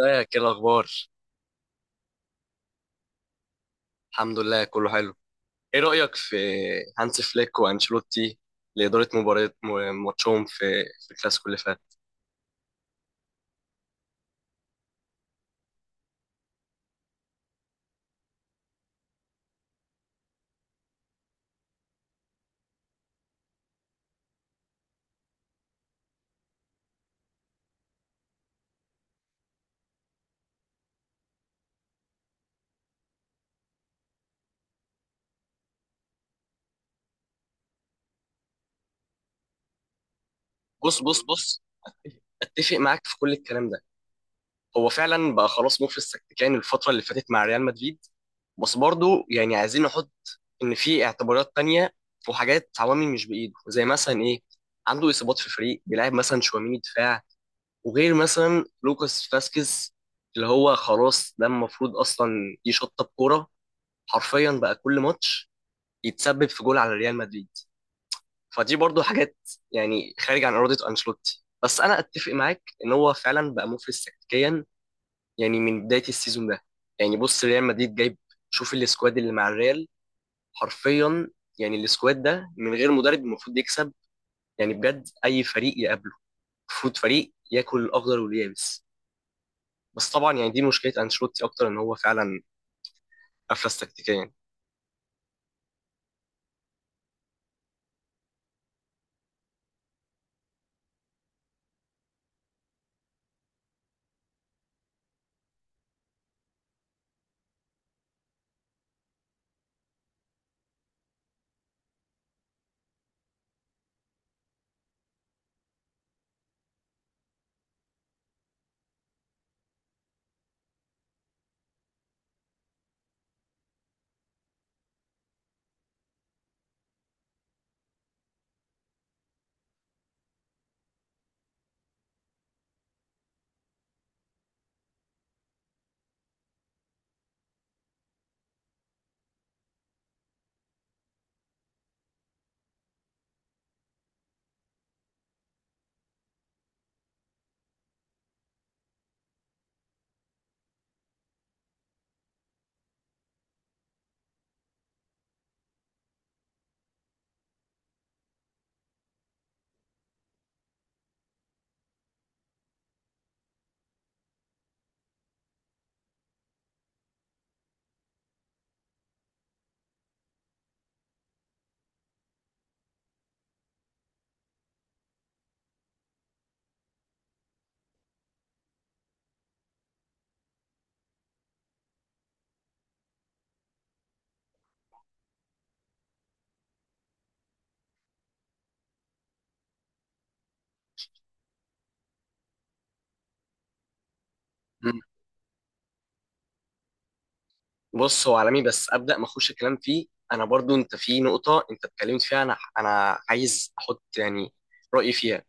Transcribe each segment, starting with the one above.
ازيك؟ ايه الاخبار؟ الحمد لله، كله حلو. ايه رايك في هانس فليك وانشيلوتي لاداره ماتشهم في الكلاسيكو اللي فات؟ بص بص بص، اتفق معاك في كل الكلام ده. هو فعلا بقى خلاص مفلس تكتيكيا الفتره اللي فاتت مع ريال مدريد، بس برضو يعني عايزين نحط ان في اعتبارات تانية وحاجات عوامل مش بايده، زي مثلا ايه؟ عنده اصابات في الفريق، بيلعب مثلا شواميني دفاع، وغير مثلا لوكاس فاسكيز اللي هو خلاص ده المفروض اصلا يشطب كوره، حرفيا بقى كل ماتش يتسبب في جول على ريال مدريد. فدي برضو حاجات يعني خارج عن إرادة أنشيلوتي، بس أنا أتفق معاك إن هو فعلا بقى مفلس تكتيكيا يعني من بداية السيزون ده. يعني بص، ريال مدريد جايب، شوف السكواد اللي مع الريال، حرفيا يعني السكواد ده من غير مدرب المفروض يكسب، يعني بجد أي فريق يقابله المفروض فريق ياكل الأخضر واليابس. بس طبعا يعني دي مشكلة أنشيلوتي أكتر، إن هو فعلا أفلس تكتيكيا. بص، هو عالمي بس ابدا ما اخش الكلام فيه. انا برضو انت في نقطه انت اتكلمت فيها، انا عايز احط يعني رايي فيها.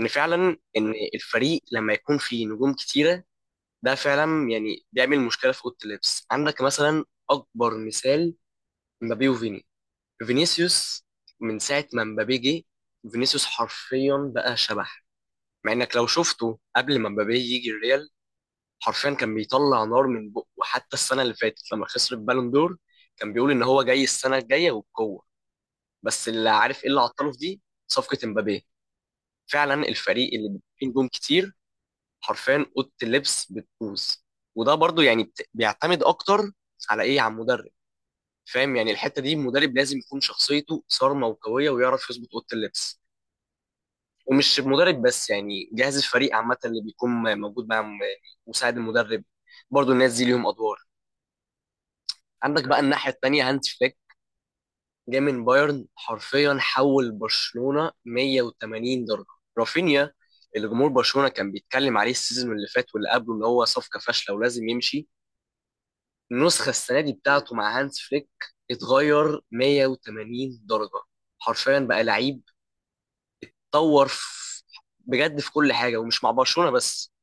ان فعلا، ان الفريق لما يكون فيه نجوم كتيره ده فعلا يعني بيعمل مشكله في اوضه اللبس. عندك مثلا اكبر مثال، مبابي وفيني، فينيسيوس. من ساعه ما مبابي جه، فينيسيوس حرفيا بقى شبح، مع انك لو شفته قبل ما مبابي يجي الريال حرفيا كان بيطلع نار من بقه. وحتى السنه اللي فاتت لما خسر البالون دور كان بيقول ان هو جاي السنه الجايه وبقوه، بس اللي عارف ايه اللي عطله في دي، صفقه امبابي. فعلا الفريق اللي فيه نجوم كتير حرفيا اوضه اللبس بتبوظ، وده برضو يعني بيعتمد اكتر على ايه، على المدرب. فاهم يعني الحته دي المدرب لازم يكون شخصيته صارمه وقويه ويعرف يظبط اوضه اللبس، ومش المدرب بس، يعني جهاز الفريق عامه اللي بيكون موجود مع مساعد المدرب، برضو الناس دي ليهم ادوار. عندك بقى الناحية التانية هانز فليك، جاي من بايرن حرفيا حول برشلونة 180 درجة. رافينيا اللي جمهور برشلونة كان بيتكلم عليه السيزون اللي فات واللي قبله ان هو صفقة فاشلة ولازم يمشي، النسخة السنة دي بتاعته مع هانز فليك اتغير 180 درجة، حرفيا بقى لعيب، طور في- بجد في كل حاجة، ومش مع برشلونة بس.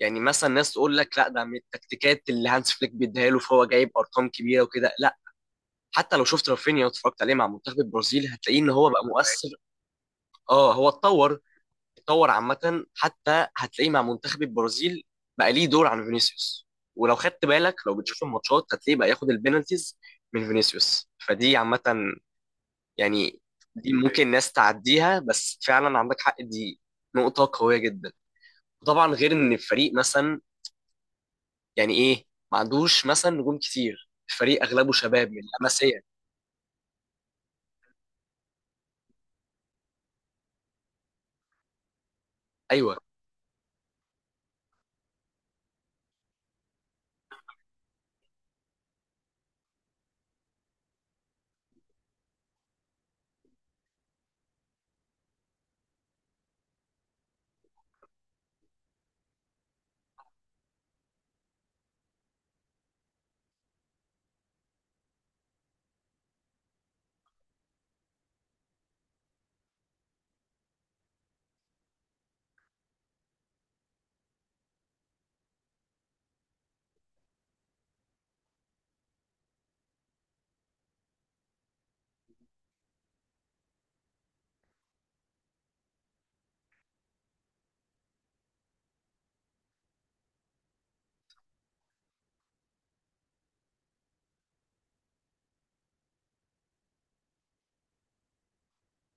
يعني مثلا ناس تقول لك لا ده من التكتيكات اللي هانز فليك بيديها له فهو جايب ارقام كبيره وكده، حتى لو شفت رافينيا واتفرجت عليه مع منتخب البرازيل هتلاقيه ان هو بقى أيوة مؤثر. اه، هو اتطور، اتطور عامة، حتى هتلاقيه مع منتخب البرازيل بقى ليه دور عن فينيسيوس. ولو خدت بالك لو بتشوف الماتشات هتلاقيه بقى ياخد البينالتيز من فينيسيوس. فدي عامة يعني، دي ممكن ناس تعديها بس فعلا عندك حق، دي نقطة قوية جدا. وطبعا غير ان الفريق مثلا، يعني ايه، ما عندوش مثلا نجوم كتير، الفريق اغلبه شباب من لاماسيا. ايوه،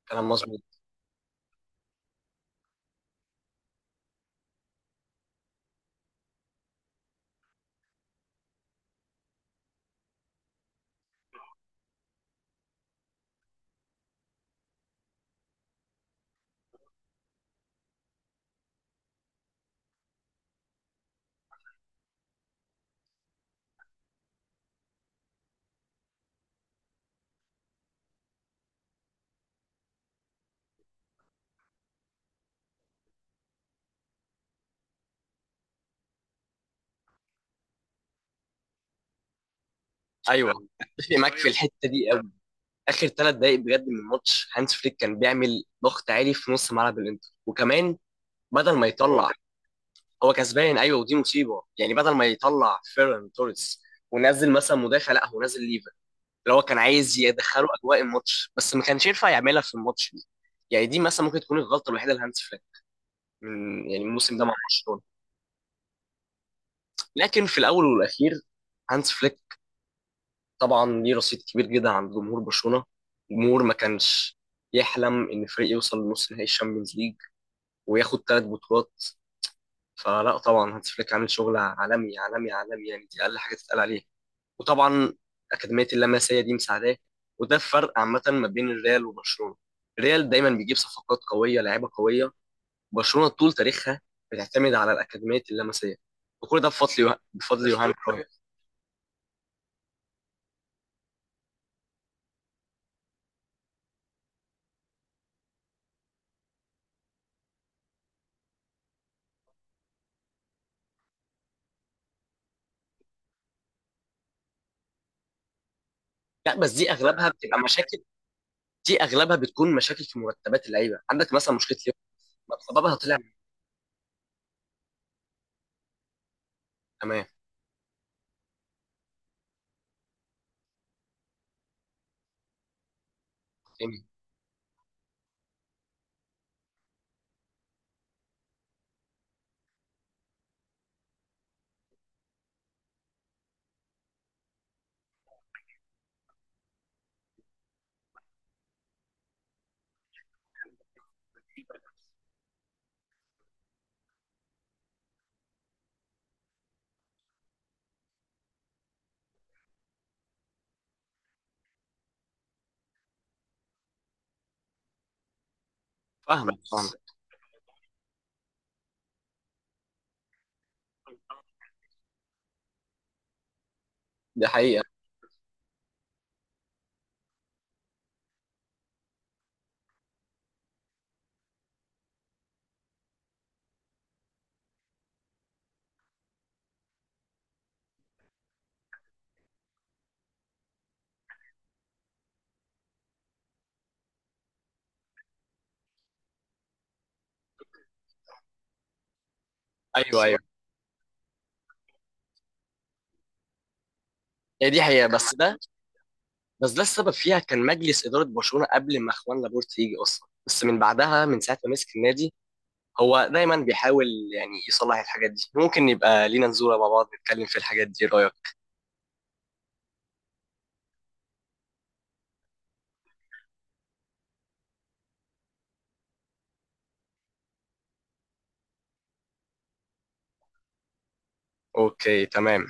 كلام مظبوط. ايوه، اتفق معاك في، ايوه، الحته دي قوي. اخر 3 دقائق بجد من الماتش هانس فليك كان بيعمل ضغط عالي في نص ملعب الانتر، وكمان بدل ما هو يطلع. هو كسبان، ايوه، ودي مصيبه، يعني بدل ما يطلع فيران توريس ونزل مثلا مدافع، لا هو نزل ليفا اللي هو كان عايز يدخله اجواء الماتش، بس ما كانش ينفع يعملها في الماتش دي. يعني دي مثلا ممكن تكون الغلطه الوحيده لهانس فليك من يعني الموسم ده مع برشلونه. لكن في الاول والاخير هانس فليك طبعا ليه رصيد كبير جدا عند جمهور برشلونة، جمهور ما كانش يحلم ان فريق يوصل لنص نهائي الشامبيونز ليج وياخد 3 بطولات. فلا طبعا هانز فليك عامل شغل عالمي عالمي عالمي، يعني دي اقل حاجه تتقال عليه. وطبعا اكاديميه اللمسيه دي مساعداه، وده الفرق عامه ما بين الريال وبرشلونه، الريال دايما بيجيب صفقات قويه لعيبه قويه، برشلونه طول تاريخها بتعتمد على الاكاديميه اللمسيه، وكل ده بفضل مش يوهان كرويف. لا، بس دي اغلبها بتبقى مشاكل، دي اغلبها بتكون مشاكل في مرتبات اللعيبه، عندك مثلا مشكله ليفربول سببها طلع. تمام، فاهمني. فاهمك فاهمك بس، ده حقيقه. ايوه ايوه، هي دي حقيقه بس ده السبب فيها كان مجلس اداره برشلونه قبل ما اخوان لابورت يجي اصلا، بس من بعدها من ساعه ما مسك النادي هو دايما بيحاول يعني يصلح الحاجات دي. ممكن يبقى لينا نزوره مع بعض نتكلم في الحاجات دي، إيه رايك؟ اوكي، تمام.